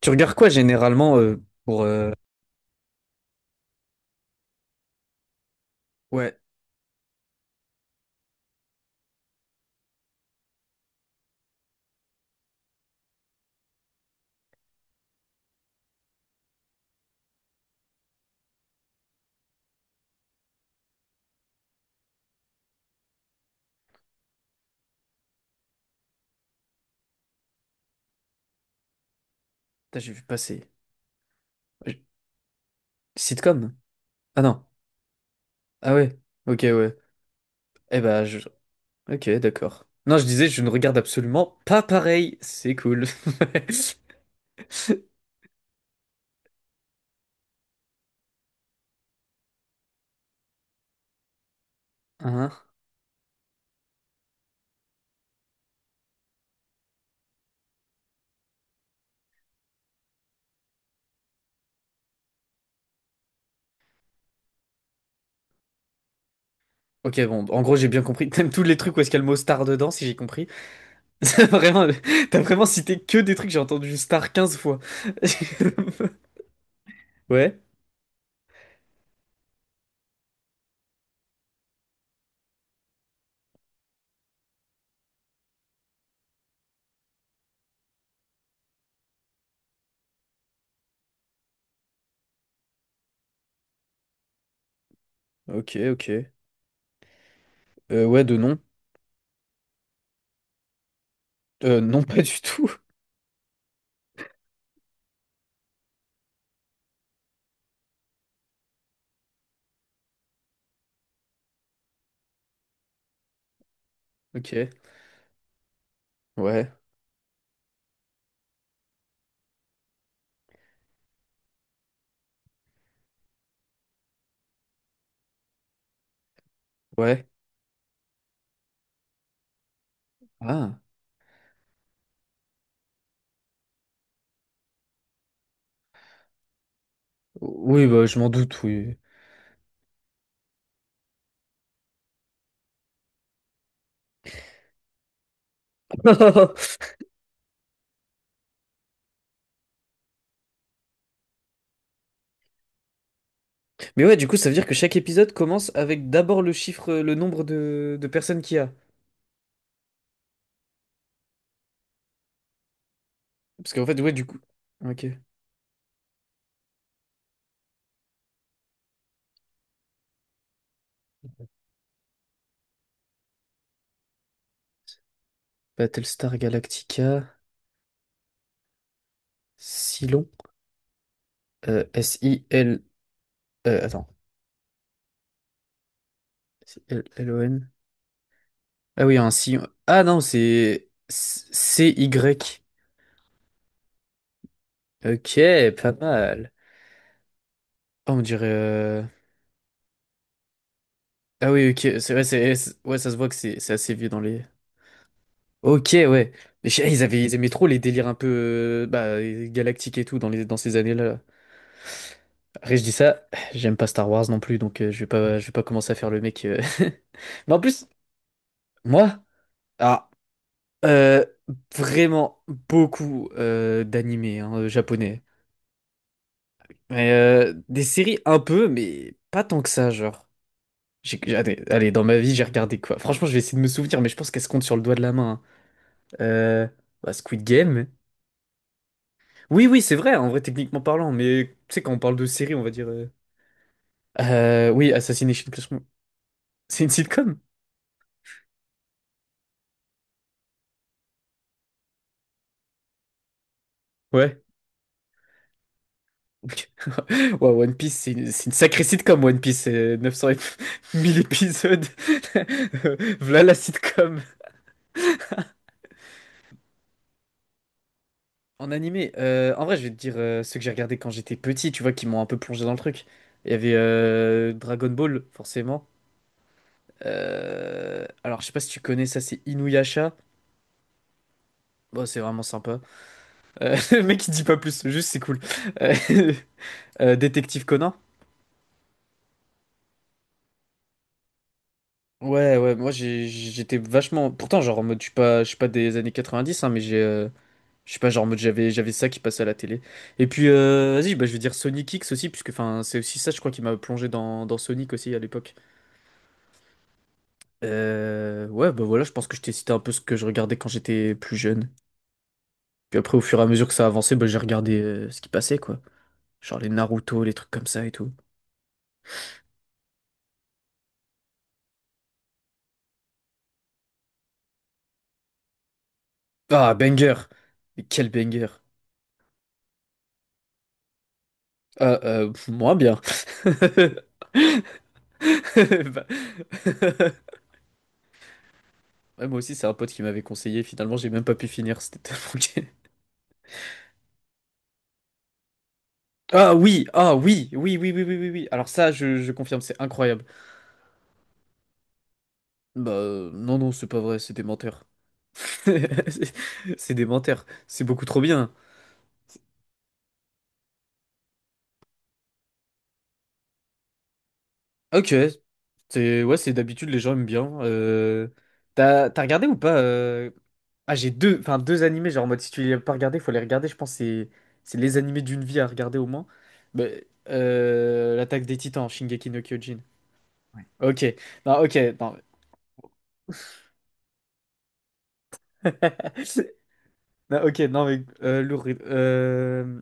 Tu regardes quoi généralement Ouais, putain, j'ai vu passer. Euh, Sitcom? Ah non. Ah ouais. Ok, ouais. Eh bah, Ok, d'accord. Non, je disais, je ne regarde absolument pas pareil. C'est cool. Hein? Ok, bon, en gros, j'ai bien compris. T'aimes tous les trucs où est-ce qu'il y a le mot star dedans, si j'ai compris. C'est Vraiment, T'as vraiment cité que des trucs, j'ai entendu star 15 fois. Ouais. Ok, ok. Ouais, de nom. Non, pas du tout. Ok. Ouais, ouais. Ah. Oui, bah, je m'en doute, oui. Mais ouais, du coup, ça veut dire que chaque épisode commence avec d'abord le chiffre, le nombre de personnes qu'il y a. Parce qu'en fait, ouais, du coup. Ok. Battlestar Galactica, Silon, S-I-L. Attends. Sillon. Ah oui, un Sillon. Ah non, c'est C- y Ok, pas mal. Ah, on dirait. Ah oui, ok. C'est vrai, c'est, ouais, ça se voit que c'est assez vieux dans les, Ok, ouais. Mais ils aimaient trop les délires un peu bah, galactiques et tout dans ces années-là. Après, je dis ça, j'aime pas Star Wars non plus, donc je vais pas commencer à faire le mec. Mais en plus, moi, ah, euh, vraiment beaucoup d'animés hein, japonais. Mais des séries un peu, mais pas tant que ça, genre. Allez, allez, dans ma vie, j'ai regardé quoi? Franchement, je vais essayer de me souvenir, mais je pense qu'elle se compte sur le doigt de la main, hein. Euh, Bah, Squid Game. Oui, oui, c'est vrai, en vrai, techniquement parlant, mais tu sais, quand on parle de série, on va dire. Oui, Assassination Classroom. C'est une sitcom? Ouais. Ouais, One Piece, c'est une sacrée sitcom, One Piece, c'est 900 et 1000 épisodes. Voilà la sitcom. En animé, en vrai, je vais te dire ceux que j'ai regardés quand j'étais petit, tu vois, qui m'ont un peu plongé dans le truc. Il y avait Dragon Ball, forcément. Alors, je sais pas si tu connais ça, c'est Inuyasha. Bon, c'est vraiment sympa. Le mec il dit pas plus, juste c'est cool. Euh, Détective Conan? Ouais, ouais, moi j'étais vachement. Pourtant, genre en mode, je suis pas des années 90, hein, mais j'ai. Je suis pas, genre en mode, j'avais ça qui passait à la télé. Et puis, vas-y, bah, je vais dire Sonic X aussi, puisque enfin, c'est aussi ça, je crois, qui m'a plongé dans Sonic aussi à l'époque. Ouais, bah voilà, je pense que je t'ai cité un peu ce que je regardais quand j'étais plus jeune. Puis après, au fur et à mesure que ça avançait, bah, j'ai regardé ce qui passait, quoi. Genre les Naruto, les trucs comme ça et tout. Ah, banger! Mais quel banger! Euh, Moins bien. Bah, ouais, moi aussi, c'est un pote qui m'avait conseillé. Finalement, j'ai même pas pu finir. C'était tellement gay. Ah oui, ah oui, oui, oui, oui, oui, oui, oui. Alors ça, je confirme, c'est incroyable. Bah non, non, c'est pas vrai, c'est des menteurs. C'est c'est des menteurs. C'est beaucoup trop bien. Ok, c'est ouais, c'est d'habitude les gens aiment bien. T'as regardé ou pas Ah, j'ai deux, enfin deux animés genre en mode si tu les as pas regardés, faut les regarder. Je pense que c'est les animés d'une vie à regarder au moins. Mais, l'Attaque des Titans, Shingeki no Kyojin. Ok, non, ok, non. Non, ok, non mais lourd.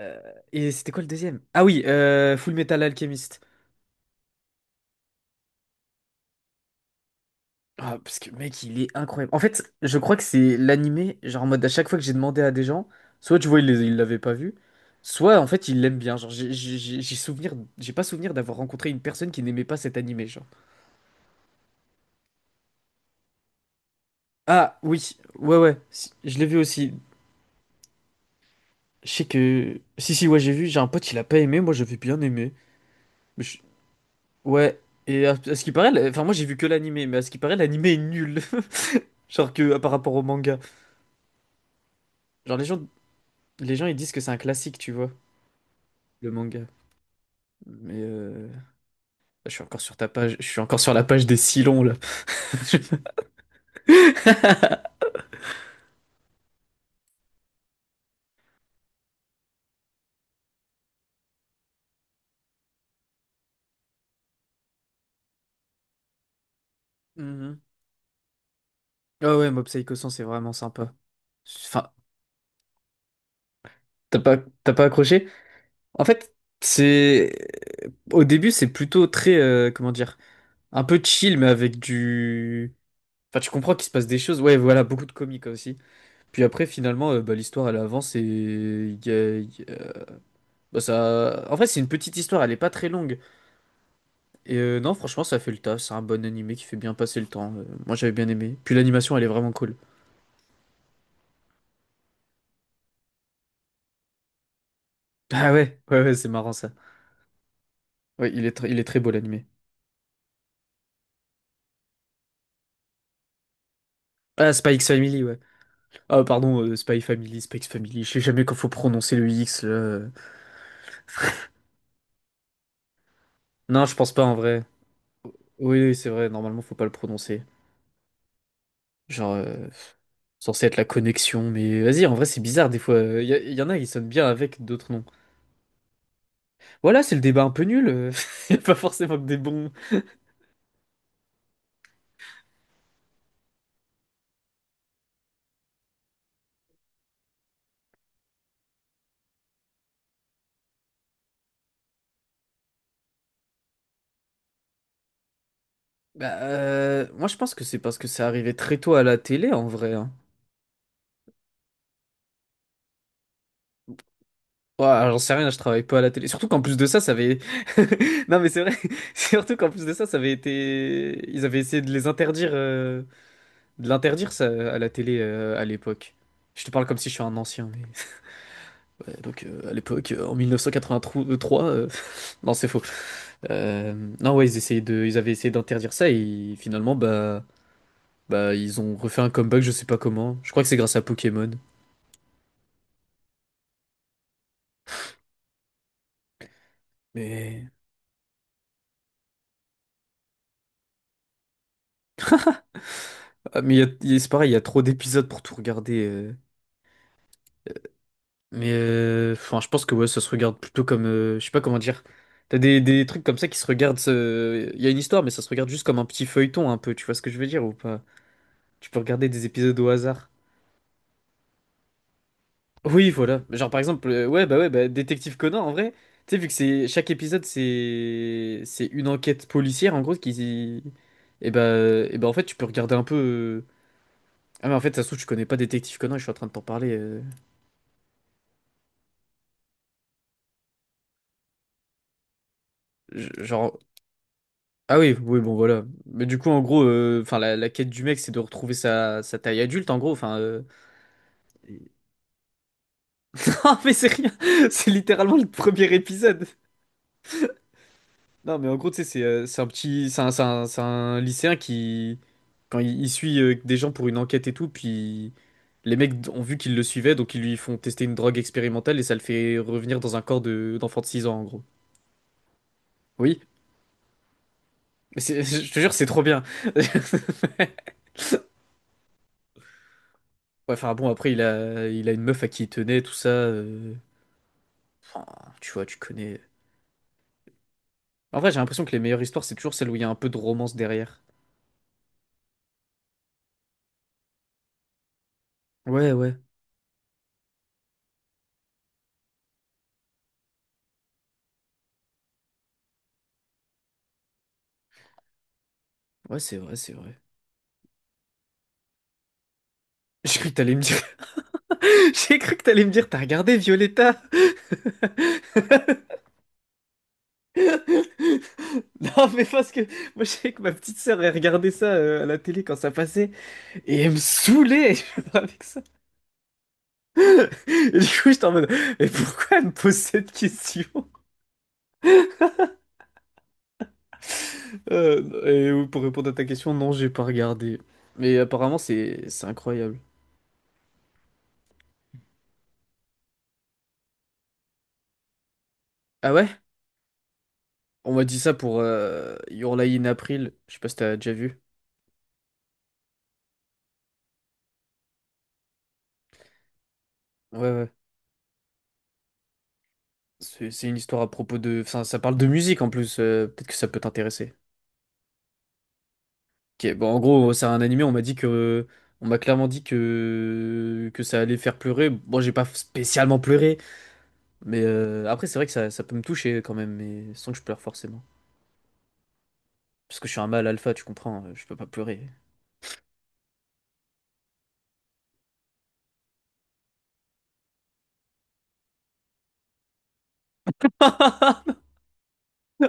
euh, et c'était quoi le deuxième? Ah oui, Full Metal Alchemist. Ah, parce que mec, il est incroyable. En fait, je crois que c'est l'animé, genre en mode à chaque fois que j'ai demandé à des gens, soit tu vois, ils l'avaient pas vu, soit en fait, ils l'aiment bien. Genre, j'ai pas souvenir d'avoir rencontré une personne qui n'aimait pas cet animé, genre. Ah, oui, ouais, ouais, si, je l'ai vu aussi. Je sais que. Si, si, ouais, j'ai vu, j'ai un pote, il a pas aimé, moi j'avais bien aimé. Mais je- Ouais, et à ce qui paraît, enfin, moi j'ai vu que l'animé, mais à ce qui paraît, l'animé est nul. Genre que par rapport au manga. Genre, les gens ils disent que c'est un classique, tu vois, le manga. Mais je suis encore sur ta page, je suis encore sur la page des Silons là. Mhm. Ah ouais, Mob Psycho 100, c'est vraiment sympa. Enfin, t'as pas, t'as pas accroché? En fait, c'est au début, c'est plutôt très, comment dire, un peu chill, mais avec du. Enfin, tu comprends qu'il se passe des choses. Ouais, voilà, beaucoup de comiques aussi. Puis après, finalement, bah, l'histoire elle avance et bah, ça. En vrai, c'est une petite histoire, elle est pas très longue. Et non, franchement, ça fait le taf. C'est un bon animé qui fait bien passer le temps. Moi, j'avais bien aimé. Puis l'animation, elle est vraiment cool. Ah ouais, ouais, ouais, c'est marrant ça. Ouais, il est très beau l'animé. Ah, Spike Family, ouais. Ah, pardon, Spy Family, Spike Family. Je sais jamais quand faut prononcer le X, là. Non, je pense pas en vrai. Oui, oui, c'est vrai. Normalement, faut pas le prononcer. Genre, censé être la connexion. Mais vas-y, en vrai, c'est bizarre des fois. Y en a qui sonnent bien avec d'autres noms. Voilà, c'est le débat un peu nul. Il a pas forcément que des bons. Bah, moi, je pense que c'est parce que c'est arrivé très tôt à la télé, en vrai, hein. Ouais, alors, j'en sais rien, je travaille pas à la télé. Surtout qu'en plus de ça, ça avait... Non, mais c'est vrai. Surtout qu'en plus de ça, ça avait été... Ils avaient essayé de les interdire, de l'interdire, ça, à la télé, à l'époque. Je te parle comme si je suis un ancien, mais... Donc, à l'époque, en 1983... Non, c'est faux. Euh, Non, ouais, ils essayaient de... Ils avaient essayé d'interdire ça, et finalement, bah... Bah, ils ont refait un comeback, je sais pas comment. Je crois que c'est grâce à Pokémon. Mais... Ah, mais c'est pareil, il y a trop d'épisodes pour tout regarder. Mais enfin, je pense que ouais, ça se regarde plutôt comme. Je sais pas comment dire. T'as des trucs comme ça qui se regardent. Il y a une histoire, mais ça se regarde juste comme un petit feuilleton un peu. Tu vois ce que je veux dire ou pas? Tu peux regarder des épisodes au hasard. Oui, voilà. Genre par exemple, ouais, bah, Détective Conan en vrai. Tu sais, vu que c'est chaque épisode, c'est une enquête policière en gros qui. Et bah en fait, tu peux regarder un peu. Ah mais en fait, ça se trouve, tu connais pas Détective Conan, je suis en train de t'en parler. Genre, Ah oui, oui, bon voilà. Mais du coup, en gros, enfin la quête du mec, c'est de retrouver sa taille adulte, en gros. Enfin, non, mais c'est rien. C'est littéralement le premier épisode. Non, mais en gros, tu sais, c'est un lycéen qui, quand il suit des gens pour une enquête et tout, puis les mecs ont vu qu'il le suivait, donc ils lui font tester une drogue expérimentale et ça le fait revenir dans un corps de d'enfant de 6 ans, en gros. Oui, mais je te jure, c'est trop bien. Ouais, enfin bon, après, il a une meuf à qui il tenait, tout ça. Enfin, tu vois, tu connais. En vrai, j'ai l'impression que les meilleures histoires, c'est toujours celles où il y a un peu de romance derrière. Ouais, ouais. Ouais, c'est vrai, c'est vrai. J'ai cru que t'allais me dire. J'ai cru que t'allais me dire, t'as regardé Violetta? Non, mais parce que moi, je sais que ma petite sœur, elle regardait ça à la télé quand ça passait et elle me saoulait je vois, avec ça. Et du coup, j'étais en mode, mais pourquoi elle me pose cette question? Et pour répondre à ta question, non, j'ai pas regardé. Mais apparemment, c'est incroyable. Ah ouais? On m'a dit ça pour Your Lie in April. Je sais pas si t'as déjà vu. Ouais, ouais. C'est une histoire à propos de… Enfin, ça parle de musique en plus. Peut-être que ça peut t'intéresser. Ok, bon, en gros, c'est un animé. On m'a dit que… On m'a clairement dit que… Que ça allait faire pleurer. Bon, j'ai pas spécialement pleuré. Mais après, c'est vrai que ça peut me toucher quand même. Mais sans que je pleure forcément. Parce que je suis un mâle alpha, tu comprends. Je peux pas pleurer.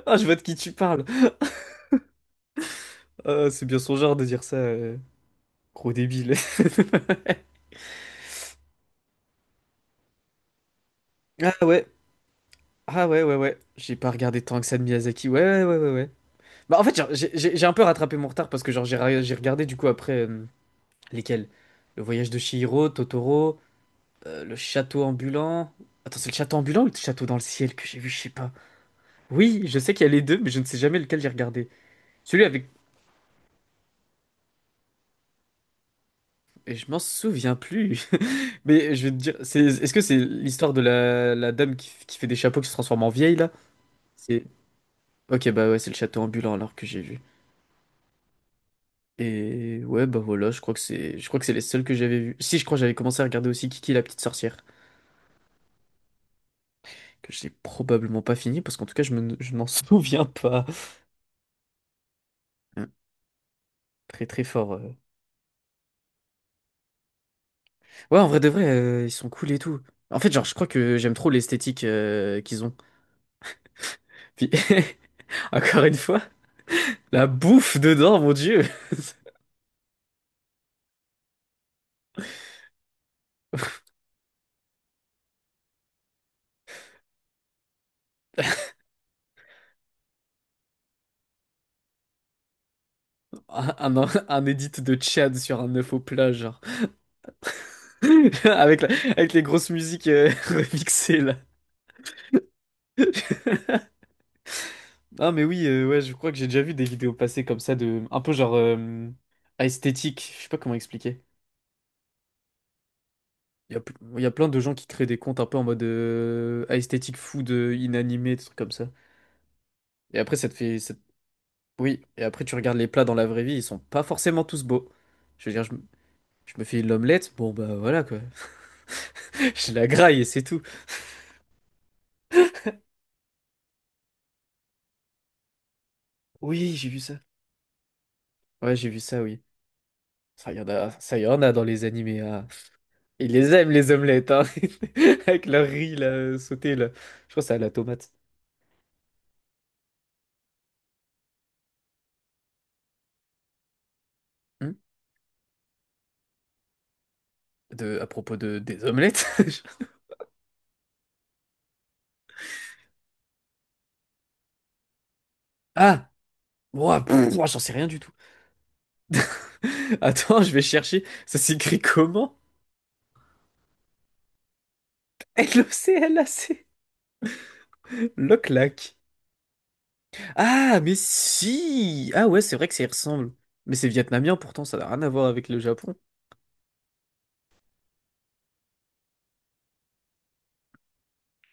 Ah, je vois de qui tu parles. Ah, c'est bien son genre de dire ça. Gros débile. Ah ouais. Ah ouais, ouais, ouais, j'ai pas regardé tant que ça de Miyazaki. Ouais, ouais, ouais, ouais, ouais. Bah en fait, genre, j'ai un peu rattrapé mon retard parce que genre j'ai regardé du coup après, lesquels? Le voyage de Chihiro, Totoro, le château ambulant. Attends, c'est le château ambulant ou le château dans le ciel que j'ai vu, je sais pas. Oui, je sais qu'il y a les deux, mais je ne sais jamais lequel j'ai regardé. Celui avec… Et je m'en souviens plus. Mais je vais te dire, c'est, est-ce que c'est l'histoire de la dame qui fait des chapeaux qui se transforme en vieille là? C'est… Ok, bah ouais, c'est le château ambulant alors que j'ai vu. Et ouais, bah voilà, je crois que c'est, je crois que c'est les seuls que j'avais vus. Si, je crois que j'avais commencé à regarder aussi Kiki la petite sorcière, que j'ai probablement pas fini parce qu'en tout cas, je m'en souviens pas. Hum, Très très fort. Ouais, en vrai de vrai, ils sont cool et tout. En fait, genre, je crois que j'aime trop l'esthétique qu'ils ont. Puis, encore une fois, la bouffe dedans, mon Dieu! Un edit de Chad sur un œuf au plat, genre. Avec, avec les grosses musiques remixées, là. Ah mais oui, ouais, je crois que j'ai déjà vu des vidéos passer comme ça de un peu genre esthétique, je sais pas comment expliquer. Il y a, il y a plein de gens qui créent des comptes un peu en mode esthétique food inanimé, des trucs comme ça. Et après ça te fait oui, et après tu regardes les plats dans la vraie vie, ils sont pas forcément tous beaux. Je veux dire je me fais l'omelette, bon bah voilà quoi. Je la graille et c'est tout. Oui, j'ai vu ça. Ouais, j'ai vu ça, oui. Ça y en a dans les animés. Ah. Ils les aiment, les omelettes, hein. Avec leur riz, là, sauté, là. Je crois que c'est à la tomate. Hmm. À propos des omelettes. je… Ah! Ouah, pff, ouah, j'en sais rien du tout. Attends, je vais chercher. Ça s'écrit comment? Loclac. Loclac. Ah, mais si! Ah ouais, c'est vrai que ça y ressemble. Mais c'est vietnamien, pourtant, ça n'a rien à voir avec le Japon.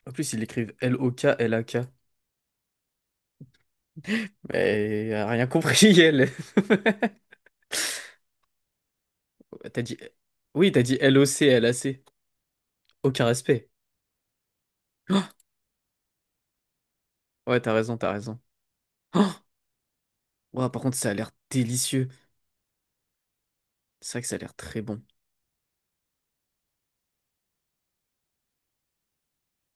En plus, ils l'écrivent Loklak. Mais elle a rien compris, elle. T'as dit… Oui, t'as dit Loclac. Aucun respect. Ouais, t'as raison, t'as raison. Oh! Ouah, par contre, ça a l'air délicieux. C'est vrai que ça a l'air très bon.